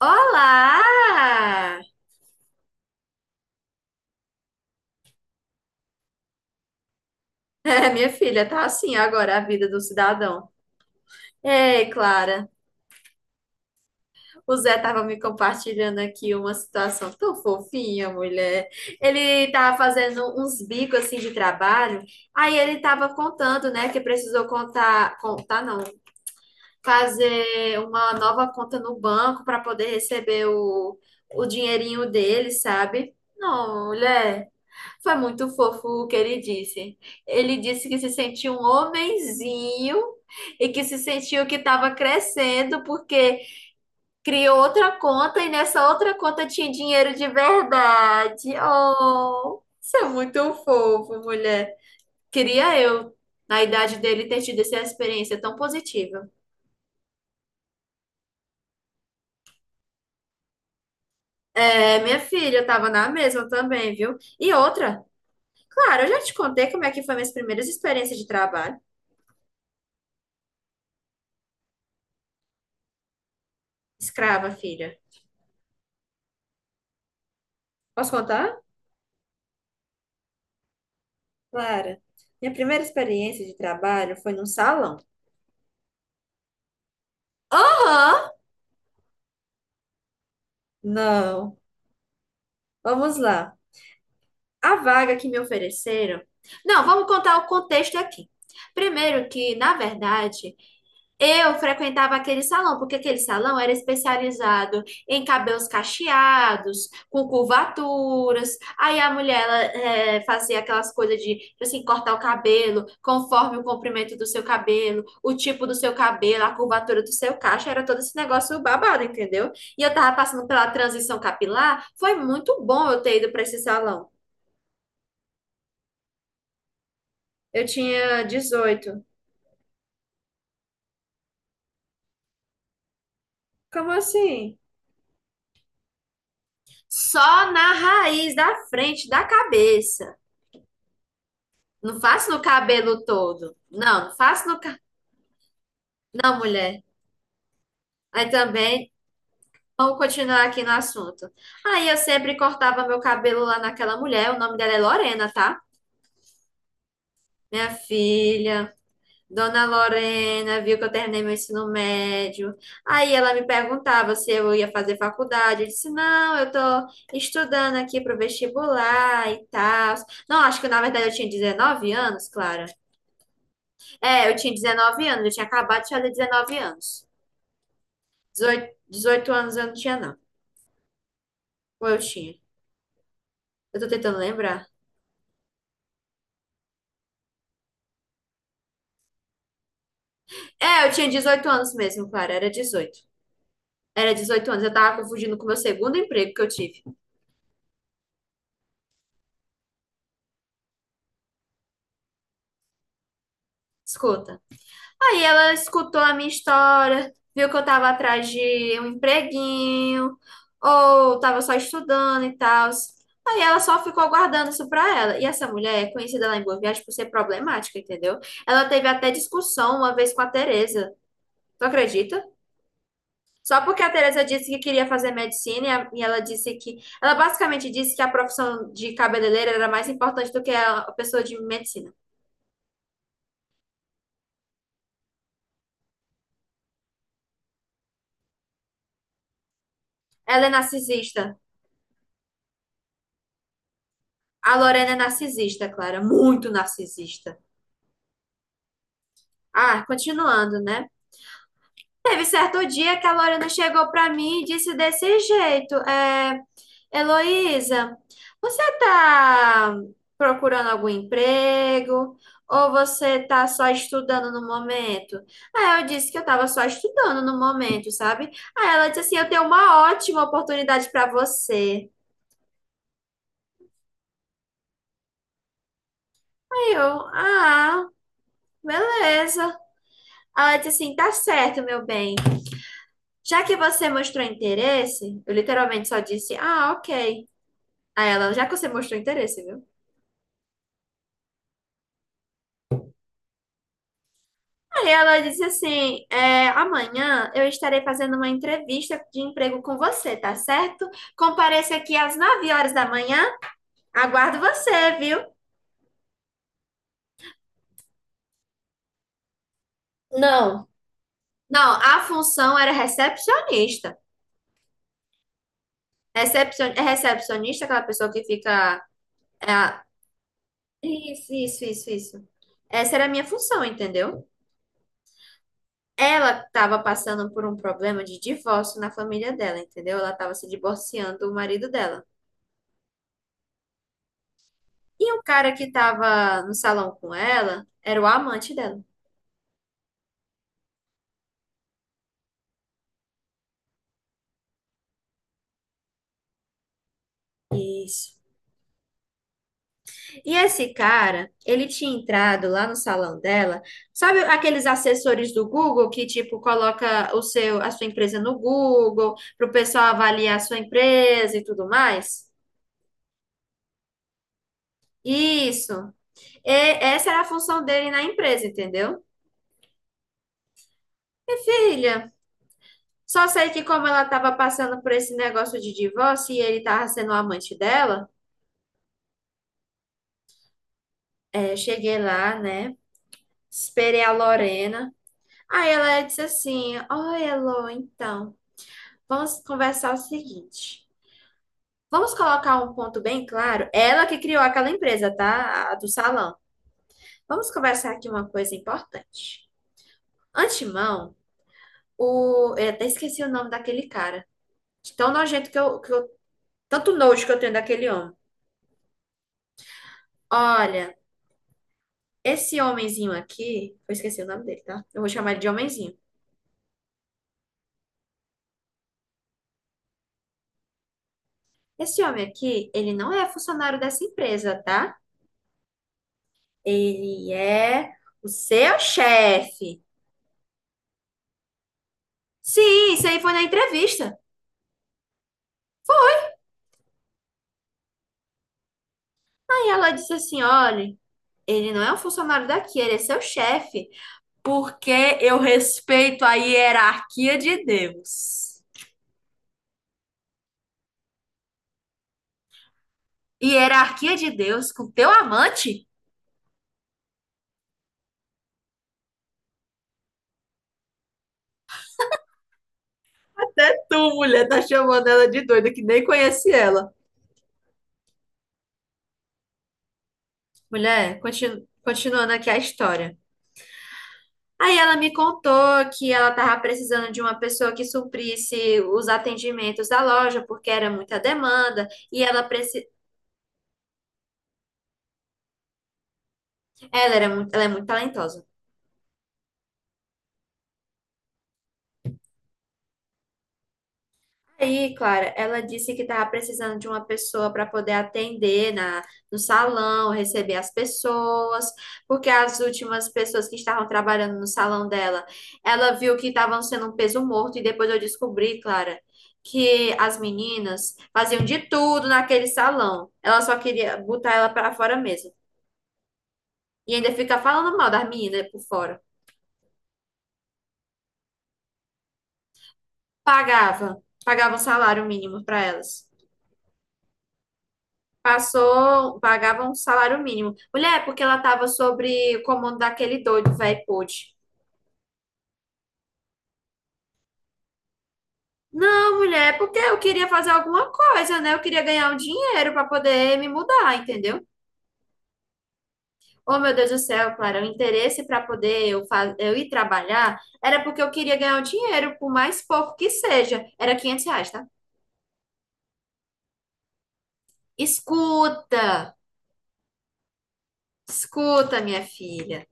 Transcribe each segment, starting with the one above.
Olá! É, minha filha, tá assim agora a vida do cidadão. Ei, Clara, o Zé tava me compartilhando aqui uma situação tão fofinha, mulher. Ele tava fazendo uns bicos assim de trabalho, aí ele tava contando, né, que precisou contar, contar não, fazer uma nova conta no banco para poder receber o dinheirinho dele, sabe? Não, mulher, foi muito fofo o que ele disse. Ele disse que se sentiu um homenzinho e que se sentiu que estava crescendo porque criou outra conta e nessa outra conta tinha dinheiro de verdade. Oh, isso é muito fofo, mulher. Queria eu, na idade dele, ter tido essa experiência tão positiva. É, minha filha, eu tava na mesma também, viu? E outra, claro, eu já te contei como é que foi minhas primeiras experiências de trabalho. Escrava, filha. Posso contar? Clara, minha primeira experiência de trabalho foi num salão. Aham! Não. Vamos lá. A vaga que me ofereceram. Não, vamos contar o contexto aqui. Primeiro que, na verdade, eu frequentava aquele salão, porque aquele salão era especializado em cabelos cacheados, com curvaturas. Aí a mulher, ela, fazia aquelas coisas de, tipo assim, cortar o cabelo conforme o comprimento do seu cabelo, o tipo do seu cabelo, a curvatura do seu cacho. Era todo esse negócio babado, entendeu? E eu tava passando pela transição capilar. Foi muito bom eu ter ido para esse salão. Eu tinha 18. Como assim? Só na raiz da frente da cabeça. Não faço no cabelo todo. Não, não faço no cabelo. Não, mulher. Aí também, vamos continuar aqui no assunto. Aí eu sempre cortava meu cabelo lá naquela mulher, o nome dela é Lorena, tá? Minha filha, Dona Lorena, viu que eu terminei meu ensino médio. Aí ela me perguntava se eu ia fazer faculdade. Eu disse, não, eu tô estudando aqui pro vestibular e tal. Não, acho que na verdade eu tinha 19 anos, Clara. É, eu tinha 19 anos, eu tinha acabado de fazer 19 anos. Dezoito 18 anos eu não tinha, não. Ou eu tinha? Eu tô tentando lembrar. É, eu tinha 18 anos mesmo, Clara. Era 18. Era 18 anos. Eu tava confundindo com o meu segundo emprego que eu tive. Escuta. Aí ela escutou a minha história, viu que eu tava atrás de um empreguinho, ou tava só estudando e tal. Aí ela só ficou guardando isso pra ela. E essa mulher é conhecida lá em Boa Viagem por ser problemática, entendeu? Ela teve até discussão uma vez com a Tereza. Tu acredita? Só porque a Teresa disse que queria fazer medicina e ela disse que. Ela basicamente disse que a profissão de cabeleireira era mais importante do que a pessoa de medicina. Ela é narcisista. A Lorena é narcisista, Clara. Muito narcisista. Ah, continuando, né? Teve certo dia que a Lorena chegou para mim e disse desse jeito: é, Heloísa, você está procurando algum emprego? Ou você está só estudando no momento? Aí eu disse que eu estava só estudando no momento, sabe? Aí ela disse assim: eu tenho uma ótima oportunidade para você. Aí eu, ah, beleza. Ela disse assim: tá certo, meu bem. Já que você mostrou interesse, eu literalmente só disse: ah, ok. Aí ela, já que você mostrou interesse, viu? Aí ela disse assim: é, amanhã eu estarei fazendo uma entrevista de emprego com você, tá certo? Compareça aqui às 9 horas da manhã. Aguardo você, viu? Não. Não, a função era recepcionista. É recepcionista, é aquela pessoa que fica. é a- Isso, isso, isso, isso. Essa era a minha função, entendeu? Ela estava passando por um problema de divórcio na família dela, entendeu? Ela estava se divorciando do marido dela. E o cara que tava no salão com ela era o amante dela. Isso. E esse cara, ele tinha entrado lá no salão dela. Sabe aqueles assessores do Google que tipo coloca o seu a sua empresa no Google para o pessoal avaliar a sua empresa e tudo mais? Isso. E essa era a função dele na empresa, entendeu? Filha, só sei que como ela estava passando por esse negócio de divórcio e ele tava sendo o amante dela, é, eu cheguei lá, né? Esperei a Lorena. Aí ela disse assim: oi, Elo, então, vamos conversar o seguinte. Vamos colocar um ponto bem claro. Ela que criou aquela empresa, tá? A do salão. Vamos conversar aqui uma coisa importante. Antemão, eu até esqueci o nome daquele cara. De tão nojento que eu. Tanto nojo que eu tenho daquele homem. Olha, esse homenzinho aqui. Eu esqueci o nome dele, tá? Eu vou chamar ele de homenzinho. Esse homem aqui, ele não é funcionário dessa empresa, tá? Ele é o seu chefe. Sim, isso aí foi na entrevista. Aí ela disse assim: olha, ele não é um funcionário daqui, ele é seu chefe, porque eu respeito a hierarquia de Deus. Hierarquia de Deus com teu amante? Até tu, mulher, tá chamando ela de doida, que nem conhece ela. Mulher, continuando aqui a história. Aí ela me contou que ela estava precisando de uma pessoa que suprisse os atendimentos da loja, porque era muita demanda, e ela. Ela é muito talentosa. Aí, Clara, ela disse que estava precisando de uma pessoa para poder atender no salão, receber as pessoas, porque as últimas pessoas que estavam trabalhando no salão dela, ela viu que estavam sendo um peso morto, e depois eu descobri, Clara, que as meninas faziam de tudo naquele salão. Ela só queria botar ela para fora mesmo. E ainda fica falando mal das meninas por fora. Pagava um salário mínimo para elas. Passou, pagava um salário mínimo. Mulher, porque ela tava sobre o comando daquele doido, velho pude. Não, mulher, porque eu queria fazer alguma coisa, né? Eu queria ganhar um dinheiro para poder me mudar, entendeu? Oh, meu Deus do céu, Clara, o interesse para poder eu ir trabalhar era porque eu queria ganhar um dinheiro, por mais pouco que seja. Era R$ 500, tá? Escuta, escuta, minha filha.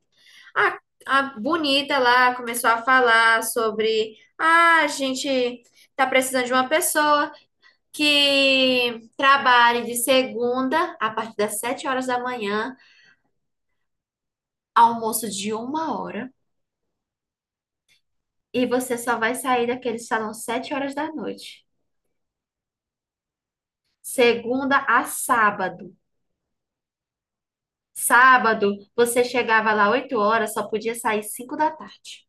A, a bonita lá começou a falar sobre, ah, a gente tá precisando de uma pessoa que trabalhe de segunda a partir das 7 horas da manhã, almoço de uma hora, e você só vai sair daquele salão 7 horas da noite. Segunda a sábado. Sábado, você chegava lá 8 horas, só podia sair 5 da tarde.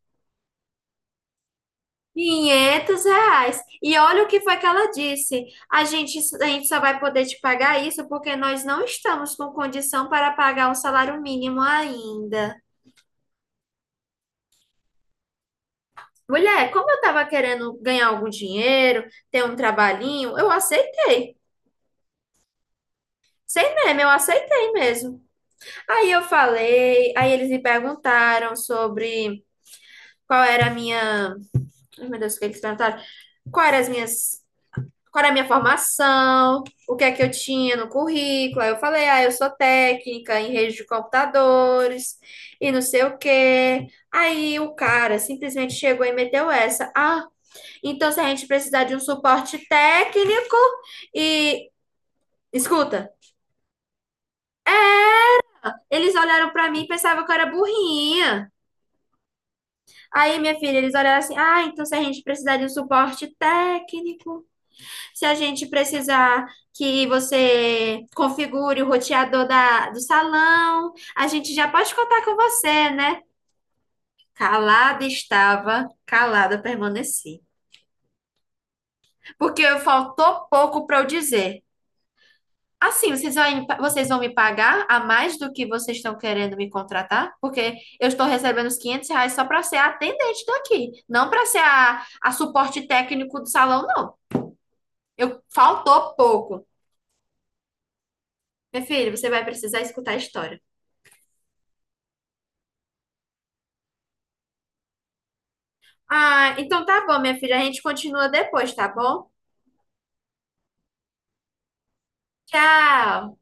R$ 500. E olha o que foi que ela disse. A gente só vai poder te pagar isso porque nós não estamos com condição para pagar um salário mínimo ainda. Mulher, como eu estava querendo ganhar algum dinheiro, ter um trabalhinho, eu aceitei. Sem meme, eu aceitei mesmo. Aí eu falei, aí eles me perguntaram sobre qual era a minha. Ai, meu Deus, o que eles perguntaram? Qual eram as minhas qual era a minha formação, o que é que eu tinha no currículo. Aí eu falei, ah, eu sou técnica em rede de computadores e não sei o quê. Aí o cara simplesmente chegou e meteu essa. Ah, então se a gente precisar de um suporte técnico e. Escuta, eles olharam pra mim e pensavam que eu era burrinha. Aí, minha filha, eles olharam assim: ah, então se a gente precisar de um suporte técnico. Se a gente precisar que você configure o roteador do salão, a gente já pode contar com você, né? Calada estava, calada permaneci. Porque faltou pouco para eu dizer. Assim, vocês vão me pagar a mais do que vocês estão querendo me contratar? Porque eu estou recebendo os R$ 500 só para ser a atendente daqui, não para ser a suporte técnico do salão, não. Eu, faltou pouco. Meu filho, você vai precisar escutar a história. Ah, então tá bom, minha filha. A gente continua depois, tá bom? Tchau.